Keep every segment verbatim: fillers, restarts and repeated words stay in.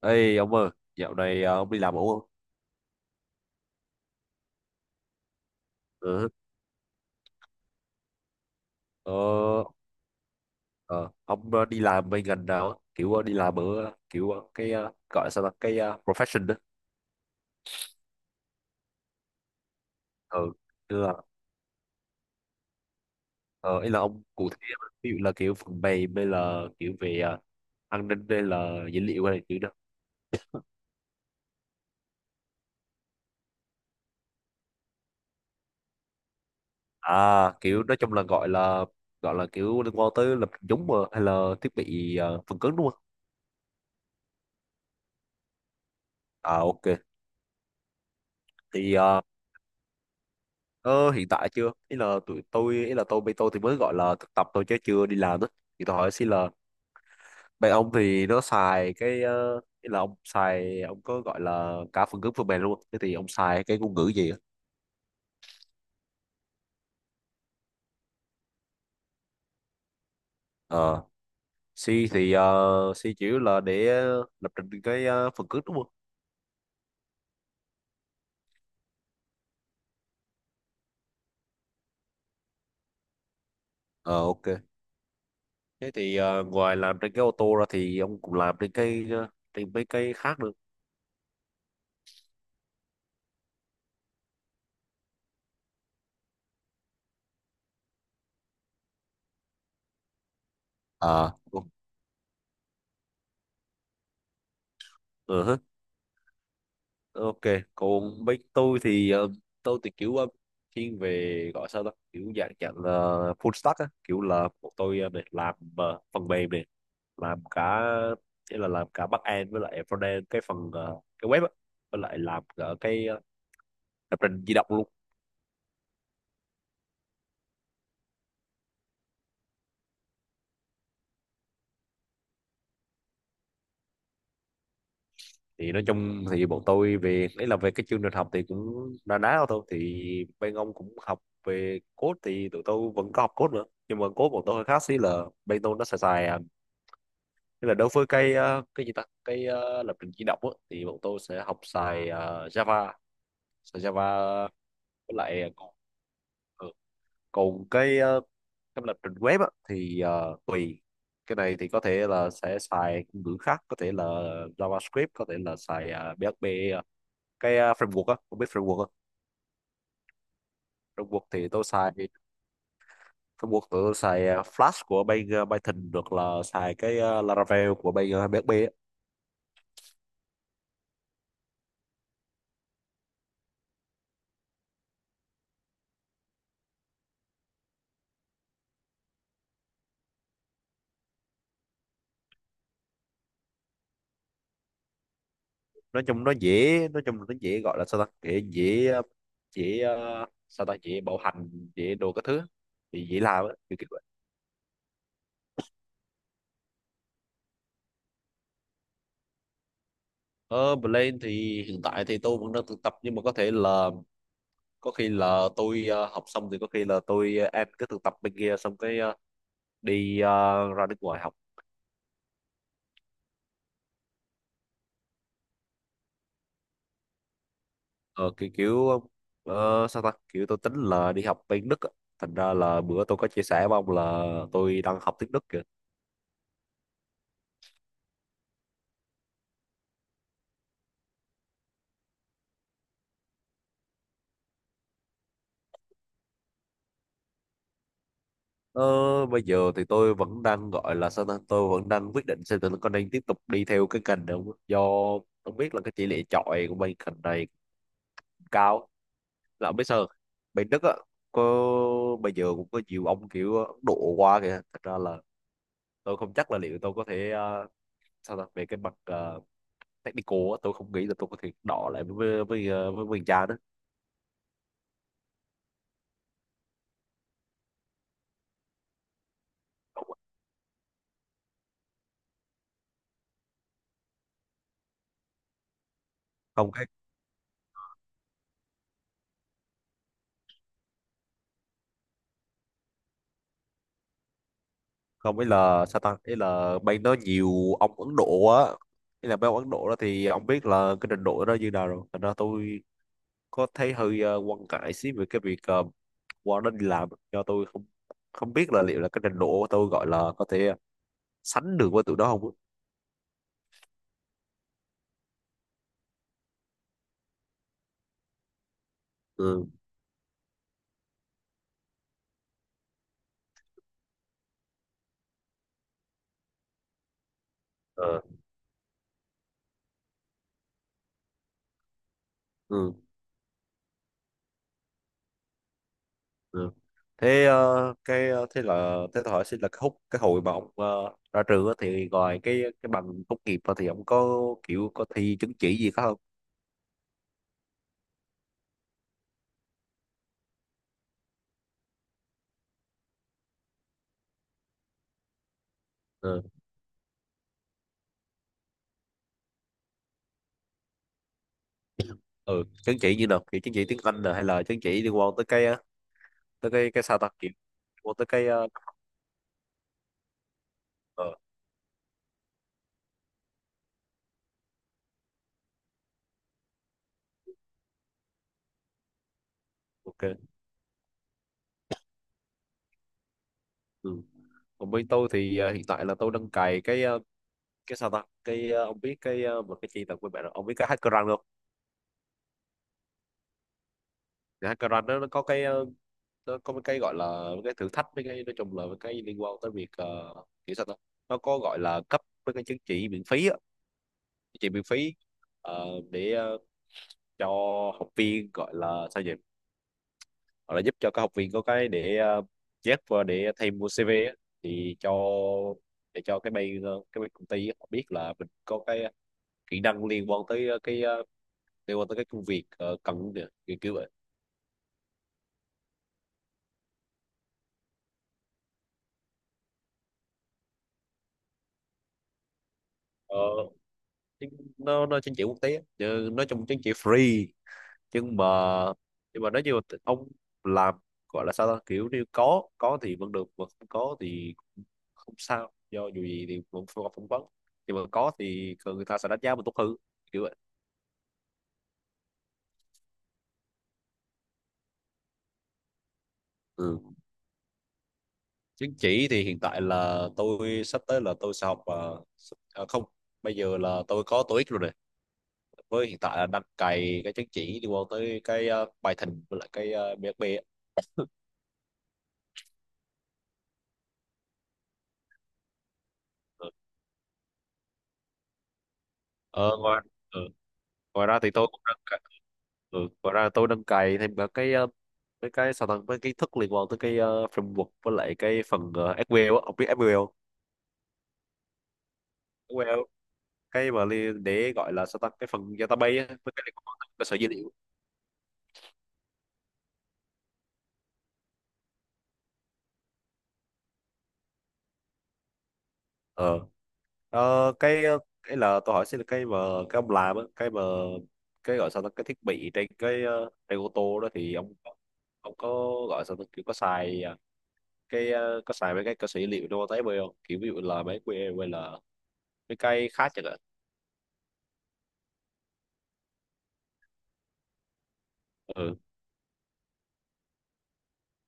Ê ông ơi, dạo này ờ, ông đi làm ổn không? Ừ. Ờ, ờ, ông ờ, đi làm bên ngành nào? Á? Kiểu ờ, đi làm ở ờ, kiểu ờ, cái ờ, gọi sao là cái ờ, profession đó. Ừ. Tức là ờ, ý là ông cụ thể, ví dụ là kiểu phần mềm hay là kiểu về ờ, an ninh hay là dữ liệu hay là kiểu đó. À, kiểu nói chung là gọi là gọi là kiểu liên quan tới lập trình giống mà hay là thiết bị ờ, phần cứng đúng không? À, ok. Thì ờ, Ờ, hiện tại chưa, ý là tụi tôi ý là tôi bây tôi thì mới gọi là thực tập thôi chứ chưa đi làm đó, thì tôi hỏi xin là bạn ông thì nó xài cái ờ, ý là ông xài ông có gọi là cả phần cứng phần mềm luôn, thế thì ông xài cái ngôn ngữ gì á? Ờ, C thì ờ, C chủ yếu là để lập trình cái ờ, phần cứng đúng không? Ờ, ok. Thế thì ờ, ngoài làm trên cái ô tô ra thì ông cũng làm trên cái ờ, trên mấy cái khác nữa. Ờ. Uh, ok. Còn bên tôi thì ờ, tôi thì kiểu ờ, thiên về gọi sao đó kiểu dạng dạng là full stack á, kiểu là bọn tôi ờ, này làm ờ, phần mềm này, làm cả, nghĩa là làm cả back end với lại front end cái phần ờ, cái web á, với lại làm cả cái ờ, lập trình di động luôn. Thì nói chung thì bọn tôi về đấy là về cái chương trình học thì cũng na ná thôi, thì bên ông cũng học về code thì tụi tôi vẫn có học code nữa, nhưng mà code bọn tôi hơi khác xí là bên tôi nó xài xài à, nên là đối với cái ờ, cái gì ta cái ờ, lập trình di động á, thì bọn tôi sẽ học xài ờ, Java. Xài Java với lại còn, ừ, còn cái ờ, cái lập trình web á, thì ờ, tùy, cái này thì có thể là sẽ xài ngôn ngữ khác, có thể là JavaScript, có thể là xài ờ, pê hát pê. ờ, cái ờ, framework á, không biết framework không? Framework thì tôi xài, framework tụi tôi xài ờ, Flash của bên ờ, Python, được là xài cái ờ, Laravel của bên ờ, pê hát pê. Nói chung nó dễ, nói chung là nó dễ, gọi là sao ta, dễ dễ ờ, dễ ờ, sao ta dễ bảo hành, dễ đồ các thứ thì dễ làm á, kiểu kiểu vậy. Ờ, Blend thì hiện tại thì tôi vẫn đang thực tập, nhưng mà có thể là có khi là tôi ờ, học xong thì có khi là tôi ờ, em cứ thực tập bên kia xong cái ờ, đi ờ, ra nước ngoài học. Ờ, kiểu kiểu ờ, sao ta, kiểu tôi tính là đi học bên Đức á. Thành ra là bữa tôi có chia sẻ với ông là tôi đang học tiếng Đức kìa. Ờ, bây giờ thì tôi vẫn đang gọi là sao ta, tôi vẫn đang quyết định xem tôi có nên tiếp tục đi theo cái ngành này không, do tôi biết là cái tỷ lệ chọi của bên ngành này cũng cao, là không biết sao, bên Đức á, có, bây giờ cũng có nhiều ông kiểu Ấn Độ qua kìa, thật ra là tôi không chắc là liệu tôi có thể ờ, sao ta về cái mặt ờ, technical á, tôi không nghĩ là tôi có thể đọ lại với với với, ờ, với mình cha đó. Không, không, ý là sao ta, ý là bên đó nhiều ông Ấn Độ á, ý là mấy ông Ấn Độ đó thì ông biết là cái trình độ đó như nào rồi, thành ra tôi có thấy hơi ờ, quan ngại xí về cái việc ờ, qua đó đi làm, do tôi không không biết là liệu là cái trình độ của tôi gọi là có thể ờ, sánh được với tụi đó không á. Ừ. Ờ, ừ. Ừ. Thế ờ, cái ờ, thế là thế tôi hỏi xin là cái hút cái hồi mà ông ờ, ra trường á, thì ngoài cái cái bằng tốt nghiệp ra thì ông có kiểu có thi chứng chỉ gì khác không? Ừ. Ừ, chứng chỉ như nào, kiểu chứng chỉ tiếng Anh nè hay là chứng chỉ liên quan tới cái ờ, tới cái cái sao ta kiểu liên quan tới cái ờ, ờ, ok. Ừ. Còn bên tôi thì ờ, hiện tại là tôi đang cài cái ờ, cái sao ta cái ờ, ông biết cái ờ, một cái chi tập của bạn, ông biết cái hackerrank không? Thì hackerrank nó, nó có cái ờ, nó có một cái gọi là một cái thử thách, với cái nói chung là một cái liên quan tới việc ờ, kiểu sao ta nó có gọi là cấp với cái chứng chỉ miễn phí á, chứng chỉ miễn phí ờ, để ờ, cho học viên, gọi là sao nhỉ, hoặc là giúp cho các học viên có cái để ờ, chép vào để thay mua si vi á, thì cho, để cho cái bên ờ, cái bên công ty họ biết là mình có cái kỹ năng liên quan tới ờ, cái ờ, liên quan tới cái công việc ờ, cần kìa, kiểu kiểu vậy. Ờ, chứ nó nó chứng chỉ quốc tế á, chứ nói chung chứng chỉ free. Nhưng mà, nhưng mà nói như là ông làm gọi là sao ta, kiểu như có có thì vẫn được mà không có thì cũng không sao, do dù gì thì cũng không phỏng vấn, nhưng mà có thì người ta sẽ đánh giá mình tốt hơn, kiểu vậy. Ừ, chứng chỉ thì hiện tại là tôi sắp tới là tôi sẽ học ờ, s- à, không, bây giờ là tôi có TOEIC rồi này, với hiện tại là đang cày cái chứng chỉ liên quan tới cái ờ, bài thỉnh với lại cái uh, bi ét bi á. Ừ. Ờ, ngoài, ừ, ngoài ra thì tôi cũng đang cày, ừ, ngoài ra tôi đang cày thêm cả cái ờ, cái cái sao ta với kiến thức liên quan tới cái ờ, framework với lại cái phần ờ, ét quy eo á. Ông biết ét quy eo không? ét quy eo cái mà li- để gọi là sao ta cái phần database á, với cái liên quan tới cơ sở dữ liệu. Ờ. Ờ, cái ờ, cái là tôi hỏi xin là cái mà cái ông làm á, cái mà cái gọi sao ta cái thiết bị trên cái ờ, trên ô tô đó thì ông ông có gọi sao ta kiểu có xài à, cái ờ, có xài mấy cái cơ sở dữ liệu đâu tới bây không, kiểu ví dụ là mấy que hay là mấy cái khác chẳng hạn. Ừ,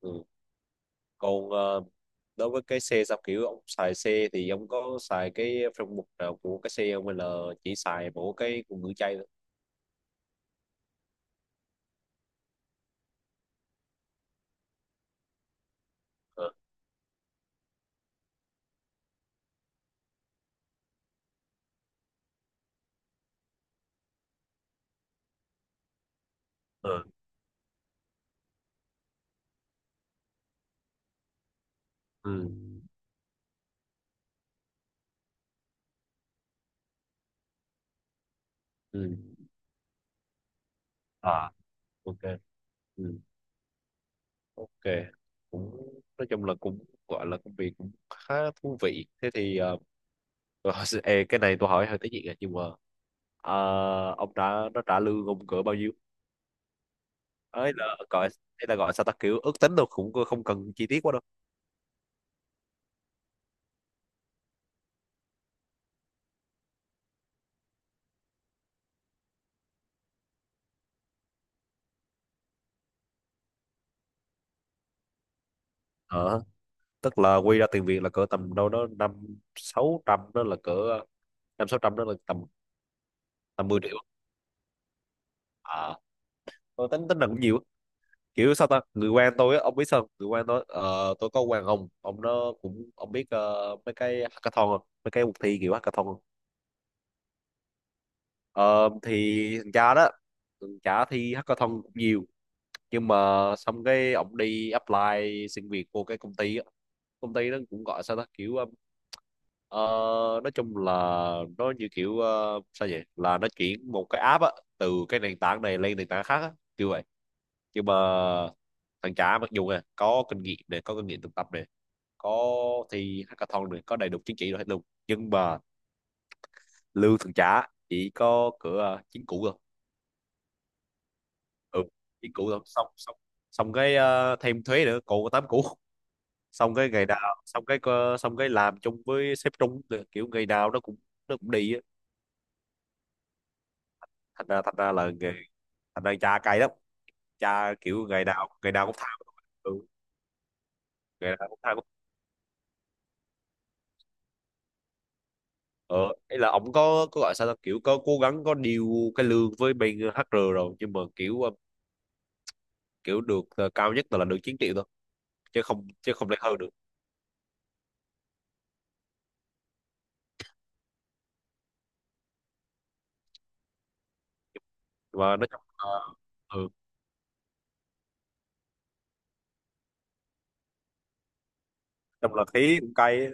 ừ. Còn ờ, đối với cái xe sao, kiểu ông xài xe thì ông có xài cái phần mục nào của cái xe không hay là chỉ xài mỗi cái ngữ chay thôi. Ờ. Ừ. Ừ. Ừ. À, ok. Ừ. Ok, cũng nói chung là cũng gọi là công việc cũng khá thú vị. Thế thì ờ, ê, cái này tôi hỏi hơi tế nhị à, nhưng mà ờ, ông đã nó trả lương ông cỡ bao nhiêu? Ấy là gọi, ấy là gọi sao ta kiểu ước tính đâu cũng không cần chi tiết quá đâu. Ờ, tức là quy ra tiền Việt là cỡ tầm đâu đó năm sáu trăm, đó là cỡ năm sáu trăm, đó là tầm, tầm mười triệu à, tôi tính tính là cũng nhiều, kiểu sao ta người quen tôi á, ông biết sao người quen tôi ờ, tôi có quen ông ông nó cũng, ông biết ờ, mấy cái hackathon không, mấy cái cuộc thi kiểu hackathon không? Ờ, thì thằng cha đó, thằng cha thi hackathon cũng nhiều, nhưng mà xong cái ông đi apply xin việc vô cái công ty á, công ty nó cũng gọi sao ta kiểu ờ, ờ, nói chung là nó như kiểu ờ, sao vậy là nó chuyển một cái app á từ cái nền tảng này lên nền tảng khác á kiểu vậy. Nhưng mà thằng chả mặc dù nè có kinh nghiệm này có kinh nghiệm thực tập, có thi hackathon được, có đầy đủ chứng chỉ rồi hết luôn, nhưng mà lương thường trả chỉ có cửa ờ, chính cũ thôi. Ừ, chính cũ thôi, xong xong, xong cái ờ, thêm thuế nữa cũ tám cũ. Xong cái ngày nào xong cái ờ, xong cái làm chung với sếp trung nữa. Kiểu ngày nào nó cũng nó cũng đi á, thành ra thành ra là nghề, thành ra cha cay lắm, cha kiểu ngày nào ngày nào cũng thao. Ừ, ngày nào cũng thao. Ờ, ấy là ổng có có gọi sao ta kiểu có cố gắng có điều cái lương với bên hát rờ rồi, nhưng mà kiểu ờ, kiểu được ờ, cao nhất là được chín triệu thôi, chứ không, chứ không lên hơn được. Và nói chung là, ừ, trong là khí cũng cay á.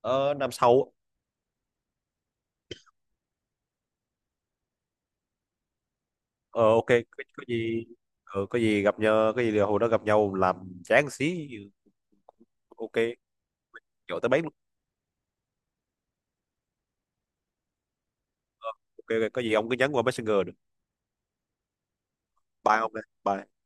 Ờ, năm sau. Ờ, ok, có, có gì ờ, có gì gặp nhau, có gì là hồi đó gặp nhau làm chán xí cũng ok, chỗ tới bấy luôn. Ờ, ok ok, có gì ông cứ nhắn qua Messenger được. Bye ông đây, bye.